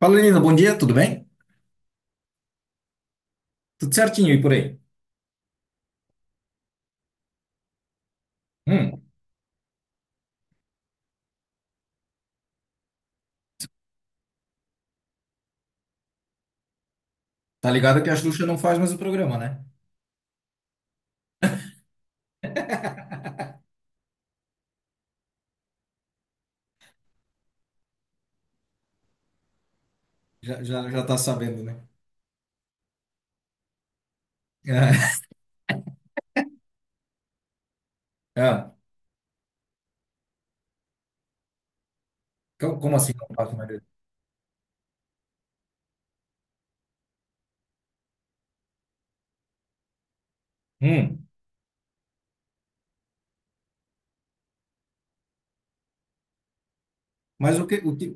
Fala, Lina, bom dia, tudo bem? Tudo certinho e por aí? Hum. Tá ligado que a Xuxa não faz mais o programa, né? Já, já, já tá sabendo, né? É, é. Como assim não faz mais? Hum. Mas o que,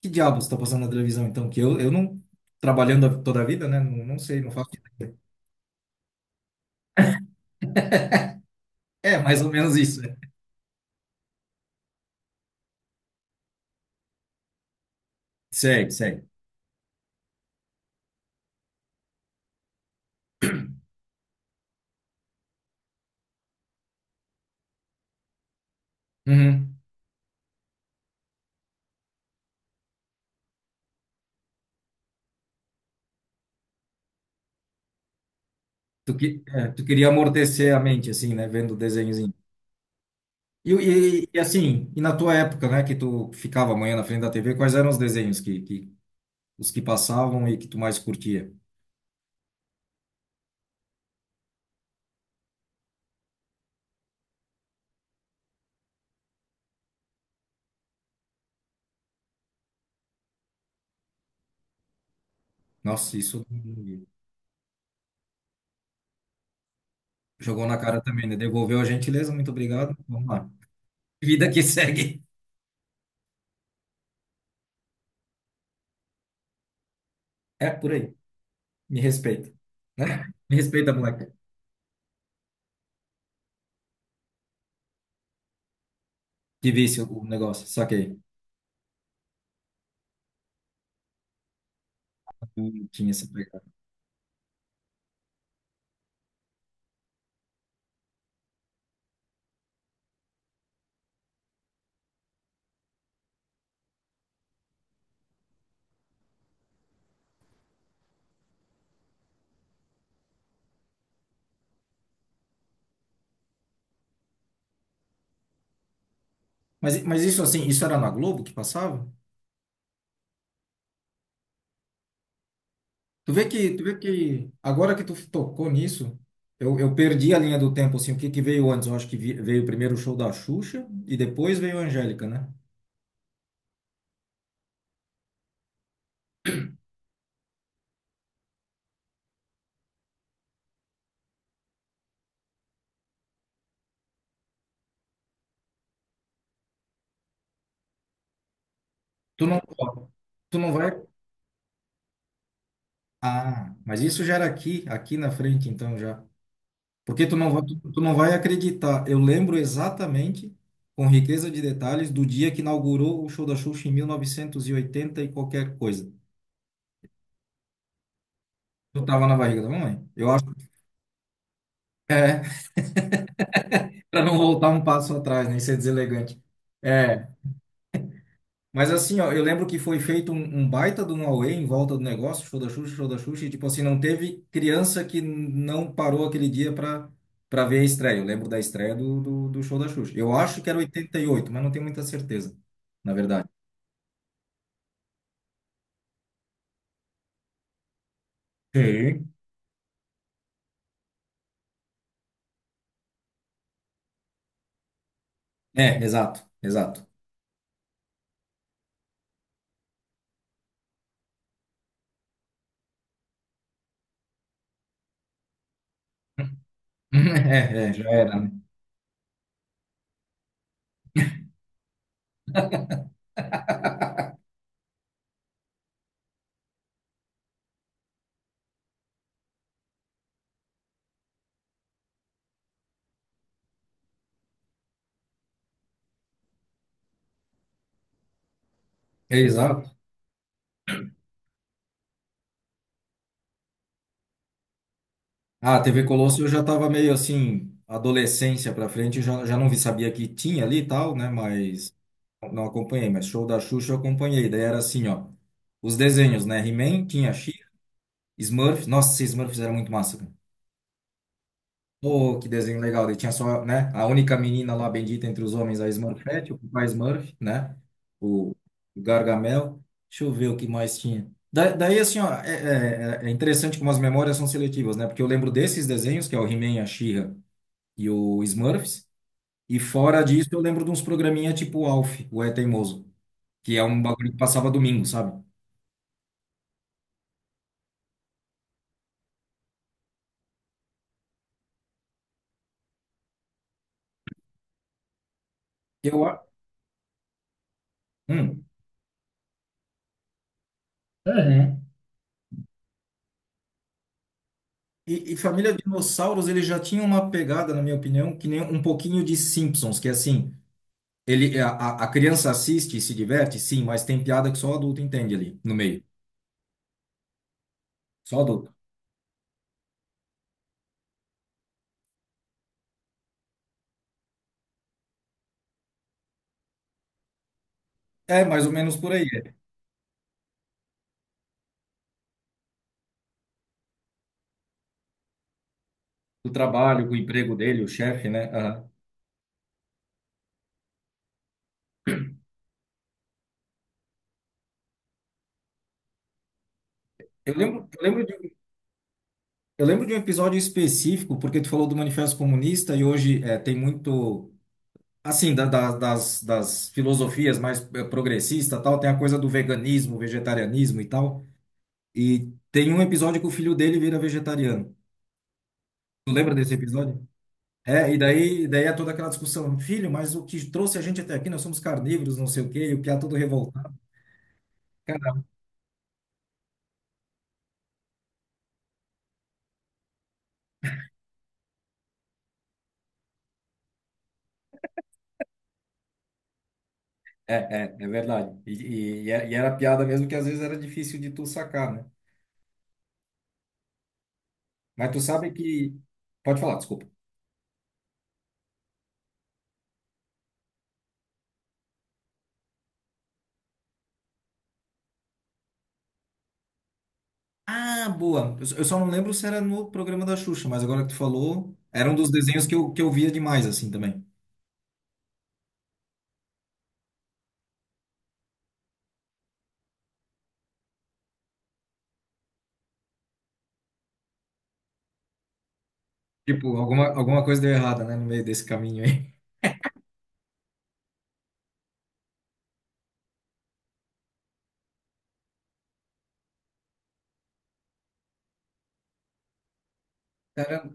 que diabos tá passando na televisão, então? Que eu não, trabalhando toda a vida, né? Não, não sei, não faço ideia. É, mais ou menos isso, né? Sei, sei. Uhum. Tu queria amortecer a mente, assim, né? Vendo o desenhozinho. E assim, e na tua época, né? Que tu ficava amanhã na frente da TV, quais eram os desenhos que os que passavam e que tu mais curtia. Nossa, isso jogou na cara também, né? Devolveu a gentileza, muito obrigado. Vamos lá. Vida que segue. É por aí. Me respeita, né? Me respeita, moleque. Que vício o negócio, saquei. Não tinha essa pegada. Mas isso assim, isso era na Globo que passava? Tu vê que agora que tu tocou nisso, eu perdi a linha do tempo, assim. O que que veio antes? Eu acho que veio primeiro o show da Xuxa e depois veio a Angélica, né? Tu não, tu não vai. Ah, mas isso já era aqui, na frente, então já. Porque tu não vai acreditar. Eu lembro exatamente, com riqueza de detalhes, do dia que inaugurou o show da Xuxa em 1980 e oitenta e qualquer coisa. Eu tava na barriga da mamãe. Eu acho que para não voltar um passo atrás, nem ser deselegante. É. Mas assim, ó, eu lembro que foi feito um, baita do Huawei em volta do negócio, show da Xuxa, e tipo assim, não teve criança que não parou aquele dia para ver a estreia. Eu lembro da estreia do show da Xuxa. Eu acho que era 88 mas não tenho muita certeza, na verdade. Sim. É, exato, exato. É, é, já era, né? É, exato. Ah, a TV Colosso eu já tava meio assim, adolescência pra frente, já, já não vi, sabia que tinha ali e tal, né? Mas não acompanhei, mas show da Xuxa eu acompanhei. Daí era assim, ó. Os desenhos, né? He-Man, tinha She-Ra, Smurfs. Nossa, esses Smurfs era muito massa, cara. Oh, que desenho legal. Daí tinha só, né? A única menina lá bendita entre os homens, a Smurfette, o papai Smurf, né? O o Gargamel. Deixa eu ver o que mais tinha. Daí, assim, ó, é interessante como as memórias são seletivas, né? Porque eu lembro desses desenhos, que é o He-Man, a She-Ra e o Smurfs. E fora disso, eu lembro de uns programinha tipo Alf, o É Teimoso, que é um bagulho que passava domingo, sabe? Eu, a- hum. Uhum. E Família Dinossauros, ele já tinha uma pegada, na minha opinião, que nem um pouquinho de Simpsons, que é assim, ele, a criança assiste e se diverte, sim, mas tem piada que só o adulto entende ali, no meio. Só adulto. É, mais ou menos por aí. É. O trabalho, o emprego dele, o chefe, né? Aham. Eu lembro, eu lembro de, um- eu lembro de um episódio específico, porque tu falou do Manifesto Comunista e hoje tem muito. Assim, das filosofias mais progressista, tal, tem a coisa do veganismo, vegetarianismo e tal. E tem um episódio que o filho dele vira vegetariano. Tu lembra desse episódio? É, e daí é toda aquela discussão. Filho, mas o que trouxe a gente até aqui, nós somos carnívoros, não sei o quê, e o piá todo revoltado. Cara, é verdade. E era piada mesmo que às vezes era difícil de tu sacar, né? Mas tu sabe que... Pode falar, desculpa. Ah, boa. Eu só não lembro se era no programa da Xuxa, mas agora que tu falou, era um dos desenhos que eu via demais, assim, também. Tipo, alguma coisa deu errada, né, no meio desse caminho aí. Caramba,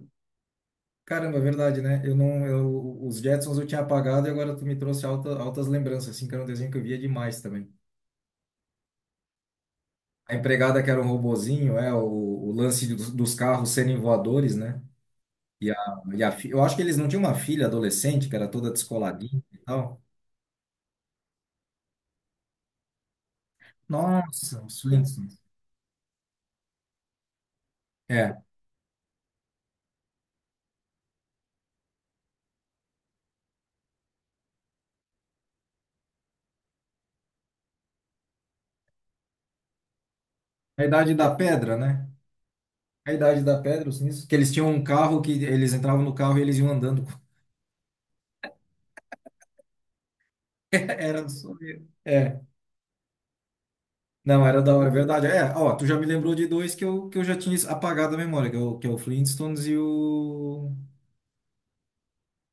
caramba, é verdade, né? Eu não, os Jetsons eu tinha apagado e agora tu me trouxe altas lembranças, assim, que era um desenho que eu via demais também. A empregada que era um robozinho, o lance dos carros serem voadores, né? E a, eu acho que eles não tinham uma filha adolescente, que era toda descoladinha e tal. Nossa, os Flintstones. É. A Idade da Pedra, né? A Idade da Pedra, os sinistros, que eles tinham um carro que eles entravam no carro e eles iam andando. Era só isso. É, não, era da hora, é verdade. É, ó, tu já me lembrou de dois que eu, já tinha apagado a memória, que é o, Flintstones e o,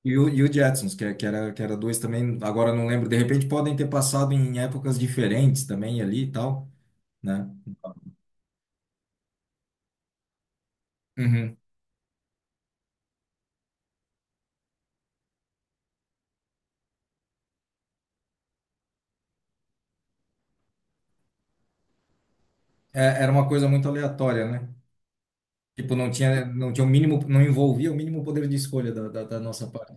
e o, e o Jetsons, que era dois também, agora eu não lembro. De repente podem ter passado em épocas diferentes também ali e tal, né? Uhum. É, era uma coisa muito aleatória, né? Tipo, não tinha o mínimo, não envolvia o mínimo poder de escolha da nossa parte.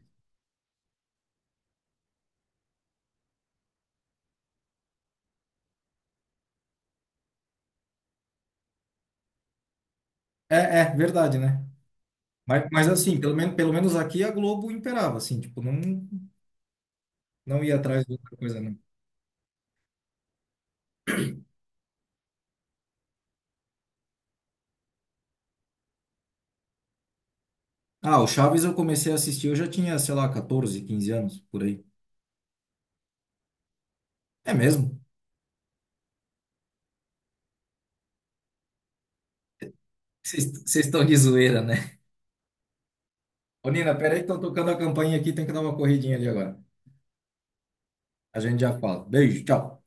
É, é verdade, né? Mas assim, pelo menos aqui a Globo imperava, assim, tipo, não ia atrás de outra coisa, não. Ah, o Chaves eu comecei a assistir, eu já tinha, sei lá, 14, 15 anos, por aí. É mesmo? Vocês estão de zoeira, né? Ô, Nina, peraí que estão tocando a campainha aqui, tem que dar uma corridinha ali agora. A gente já fala. Beijo, tchau.